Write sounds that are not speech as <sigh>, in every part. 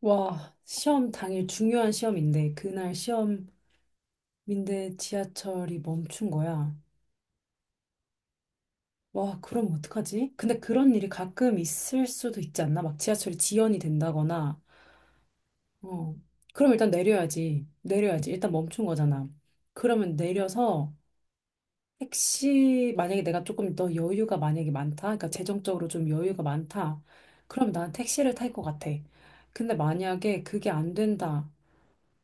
와, 시험 당일 중요한 시험인데, 그날 시험인데 지하철이 멈춘 거야. 와, 그럼 어떡하지? 근데 그런 일이 가끔 있을 수도 있지 않나? 막 지하철이 지연이 된다거나, 어. 그럼 일단 내려야지. 내려야지. 일단 멈춘 거잖아. 그러면 내려서 택시, 만약에 내가 조금 더 여유가 만약에 많다? 그러니까 재정적으로 좀 여유가 많다? 그럼 난 택시를 탈 것 같아. 근데 만약에 그게 안 된다.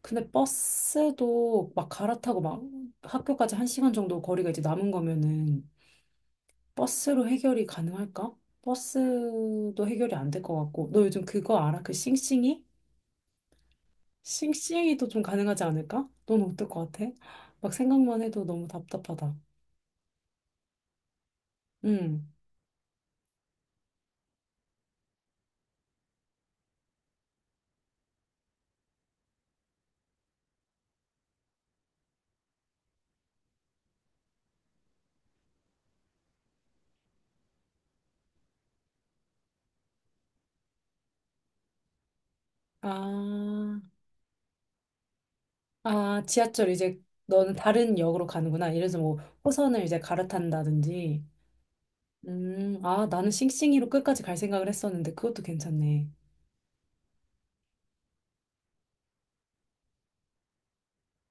근데 버스도 막 갈아타고 막 학교까지 한 시간 정도 거리가 이제 남은 거면은 버스로 해결이 가능할까? 버스도 해결이 안 될 것 같고. 너 요즘 그거 알아? 그 싱싱이? 싱싱이도 좀 가능하지 않을까? 넌 어떨 것 같아? 막 생각만 해도 너무 답답하다. 응. 아, 아, 지하철 이제 너는 다른 역으로 가는구나. 이래서 뭐 호선을 이제 갈아탄다든지. 아, 나는 싱싱이로 끝까지 갈 생각을 했었는데 그것도 괜찮네.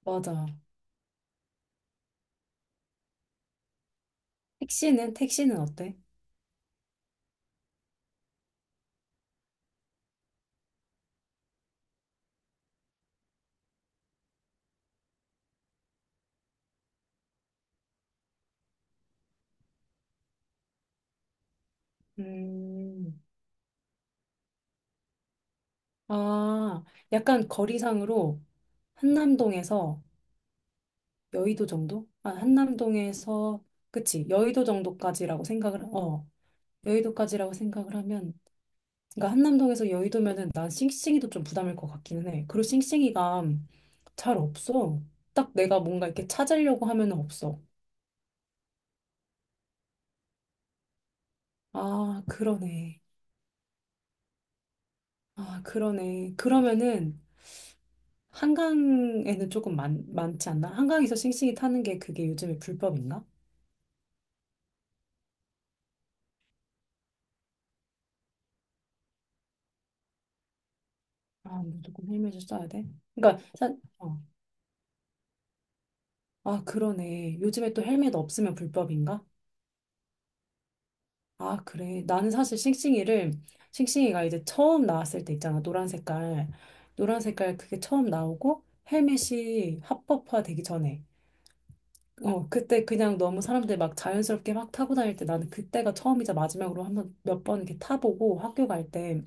맞아. 택시는 어때? 음, 아, 약간 거리상으로 한남동에서 여의도 정도? 아, 한남동에서 그치 여의도 정도까지라고 생각을 어 여의도까지라고 생각을 하면 그러니까 한남동에서 여의도면은 난 싱싱이도 좀 부담일 것 같기는 해. 그리고 싱싱이가 잘 없어. 딱 내가 뭔가 이렇게 찾으려고 하면은 없어. 아, 그러네. 아, 그러네. 그러면은 한강에는 조금 많지 않나? 한강에서 싱싱이 타는 게 그게 요즘에 불법인가? 아, 무조건 헬멧을 써야 돼? 그러니까, 어. 아, 그러네. 요즘에 또 헬멧 없으면 불법인가? 아, 그래. 나는 사실 싱싱이를, 싱싱이가 이제 처음 나왔을 때 있잖아. 노란 색깔. 노란 색깔 그게 처음 나오고 헬멧이 합법화 되기 전에. 어, 그때 그냥 너무 사람들 막 자연스럽게 막 타고 다닐 때 나는 그때가 처음이자 마지막으로 한 번 몇 번 이렇게 타보고 학교 갈 때.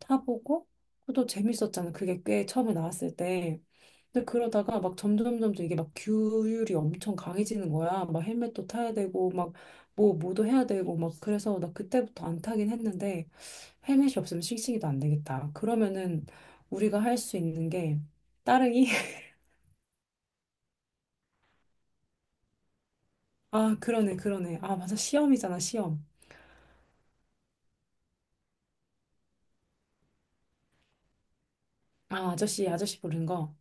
타보고 그도 재밌었잖아. 그게 꽤 처음에 나왔을 때. 근데 그러다가 막 점점 점점 이게 막 규율이 엄청 강해지는 거야. 막 헬멧도 타야 되고 막 뭐도 해야 되고 막 그래서 나 그때부터 안 타긴 했는데 헬멧이 없으면 싱싱이도 안 되겠다. 그러면은 우리가 할 수 있는 게 따릉이. <laughs> 아 그러네 그러네 아 맞아 시험이잖아 시험. 아 아저씨 아저씨 부르는 거.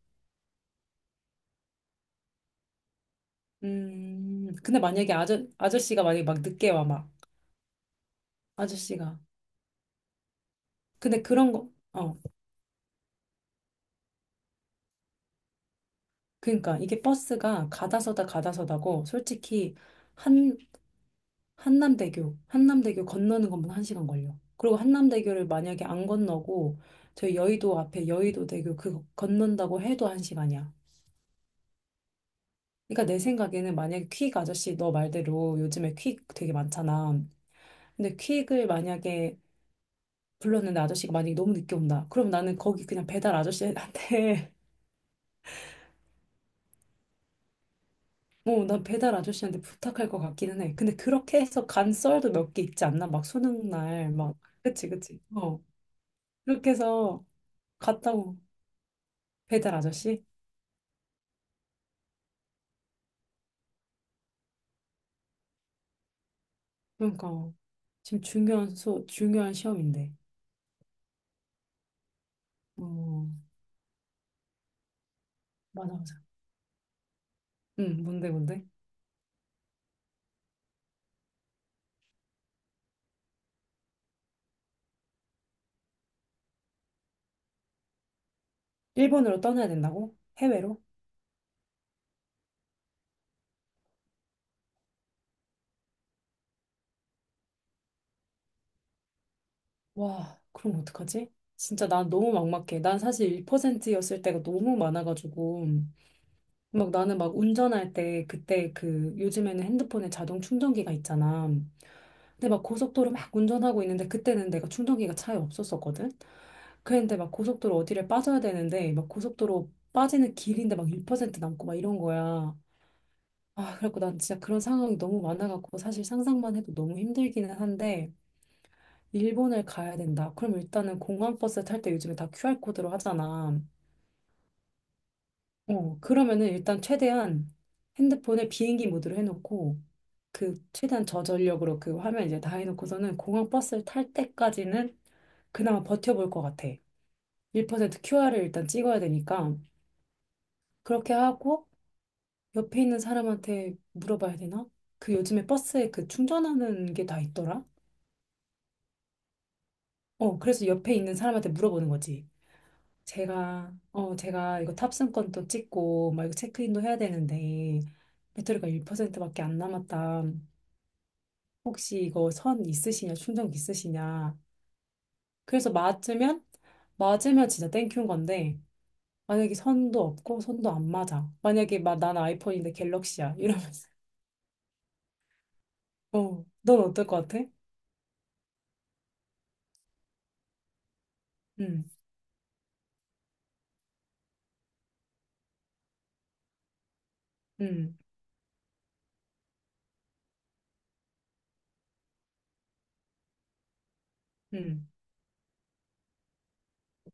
근데 만약에 아저씨가 만약에 막 늦게 와 막 아저씨가 근데 그런 거 어, 그러니까 이게 버스가 가다서다 가다서다고 솔직히 한 한남대교 건너는 것만 한 시간 걸려. 그리고 한남대교를 만약에 안 건너고 저희 여의도 앞에 여의도대교 그 건넌다고 해도 한 시간이야. 그러니까 내 생각에는 만약에 퀵 아저씨 너 말대로 요즘에 퀵 되게 많잖아. 근데 퀵을 만약에 불렀는데 아저씨가 만약에 너무 늦게 온다. 그럼 나는 거기 그냥 배달 아저씨한테 어 난 배달 아저씨한테 부탁할 것 같기는 해. 근데 그렇게 해서 간 썰도 몇 개 있지 않나? 막 수능 날, 막. 그치, 그치. 어. 그렇게 해서 갔다고. 배달 아저씨? 그러니까. 지금 중요한 중요한 시험인데. 어, 맞아, 맞아. 응, 뭔데, 뭔데? 일본으로 떠나야 된다고? 해외로? 와, 그럼 어떡하지? 진짜 난 너무 막막해. 난 사실 1%였을 때가 너무 많아가지고. 막 나는 막 운전할 때 그때 그 요즘에는 핸드폰에 자동 충전기가 있잖아. 근데 막 고속도로 막 운전하고 있는데 그때는 내가 충전기가 차에 없었었거든. 그랬는데 막 고속도로 어디를 빠져야 되는데 막 고속도로 빠지는 길인데 막 1% 남고 막 이런 거야. 아, 그래갖고 난 진짜 그런 상황이 너무 많아갖고 사실 상상만 해도 너무 힘들기는 한데 일본을 가야 된다. 그럼 일단은 공항버스 탈 때 요즘에 다 QR코드로 하잖아. 어, 그러면은 일단 최대한 핸드폰에 비행기 모드로 해놓고 그 최대한 저전력으로 그 화면 이제 다 해놓고서는 공항 버스를 탈 때까지는 그나마 버텨볼 것 같아. 1% QR을 일단 찍어야 되니까 그렇게 하고 옆에 있는 사람한테 물어봐야 되나? 그 요즘에 버스에 그 충전하는 게 다 있더라? 어, 그래서 옆에 있는 사람한테 물어보는 거지. 제가, 어, 제가 이거 탑승권도 찍고 막 이거 체크인도 해야 되는데 배터리가 1%밖에 안 남았다. 혹시 이거 선 있으시냐, 충전기 있으시냐. 그래서 맞으면, 맞으면 진짜 땡큐인 건데, 만약에 선도 없고, 선도 안 맞아. 만약에 막 난 아이폰인데 갤럭시야. 이러면서. <laughs> 어, 넌 어떨 것 같아? 음, 음, 음,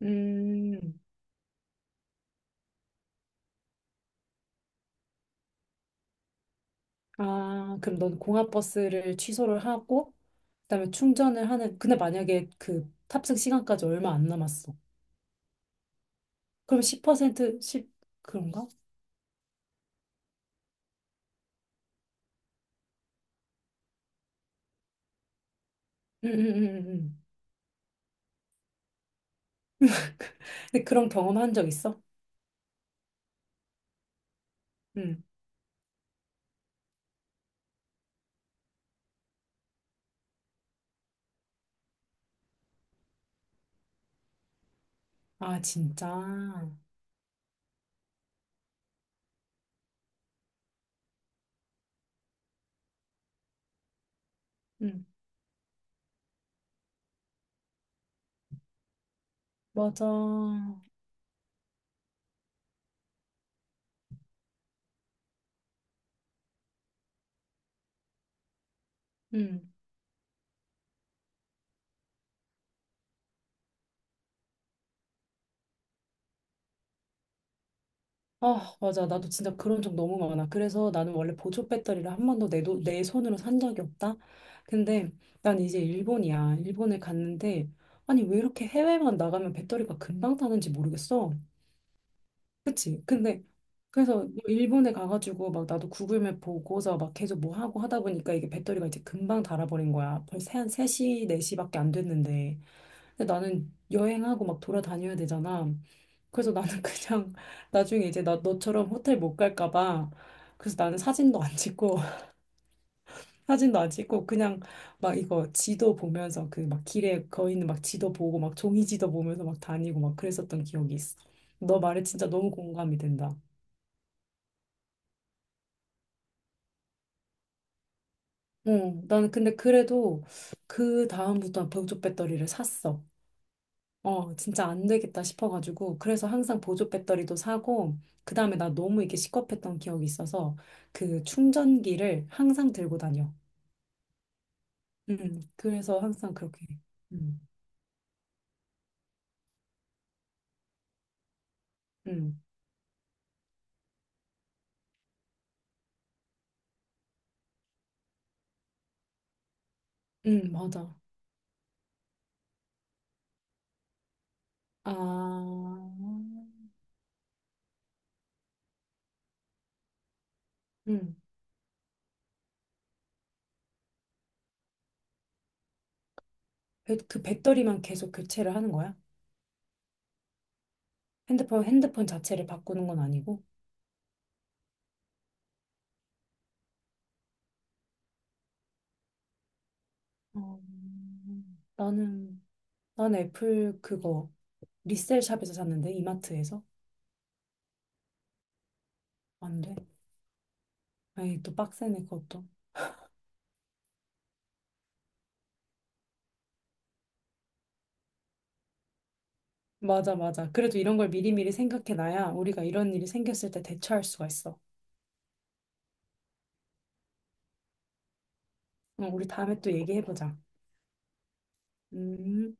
음. 아, 그럼 넌 공항버스를 취소를 하고, 그다음에 충전을 하는, 근데 만약에 그 탑승 시간까지 얼마 안 남았어. 그럼 10%, 10, 그런가? 응응 음. <laughs> 근데 그런 경험 한 적 있어? 응. 아, 진짜? 응, 맞아. 응. 아, 맞아. 나도 진짜 그런 적 너무 많아. 그래서 나는 원래 보조 배터리를 한 번도 내, 돈- 내 손으로 산 적이 없다? 근데 난 이제 일본이야. 일본에 갔는데, 아니, 왜 이렇게 해외만 나가면 배터리가 금방 타는지 모르겠어. 그치? 근데, 그래서 뭐 일본에 가가지고 막 나도 구글맵 보고서 막 계속 뭐 하고 하다 보니까 이게 배터리가 이제 금방 닳아버린 거야. 벌써 한 3시, 4시밖에 안 됐는데. 근데 나는 여행하고 막 돌아다녀야 되잖아. 그래서 나는 <laughs> 그냥 나중에 이제 나 너처럼 호텔 못 갈까 봐. 그래서 나는 사진도 안 찍고 <laughs> 사진도 안 찍고 그냥 막 이거 지도 보면서 그 막 길에 거 있는 막 지도 보고 막 종이 지도 보면서 막 다니고 막 그랬었던 기억이 있어. 너 말에 진짜 너무 공감이 된다. 어, 나는 근데 그래도 그 다음부터 는우족 배터리를 샀어. 어, 진짜 안 되겠다 싶어가지고, 그래서 항상 보조 배터리도 사고, 그 다음에 나 너무 이게 시겁했던 기억이 있어서, 그 충전기를 항상 들고 다녀. 그래서 항상 그렇게. 음, 음, 맞아. 아, 음, 그 배터리만 계속 교체를 하는 거야? 핸드폰, 핸드폰 자체를 바꾸는 건 아니고? 어, 나는, 난 애플 그거, 리셀 샵에서 샀는데, 이마트에서? 안 돼. 에이, 또 빡세네, 그것도. 맞아, 맞아. 그래도 이런 걸 미리미리 생각해놔야 우리가 이런 일이 생겼을 때 대처할 수가 있어. 어, 우리 다음에 또 얘기해보자. 음.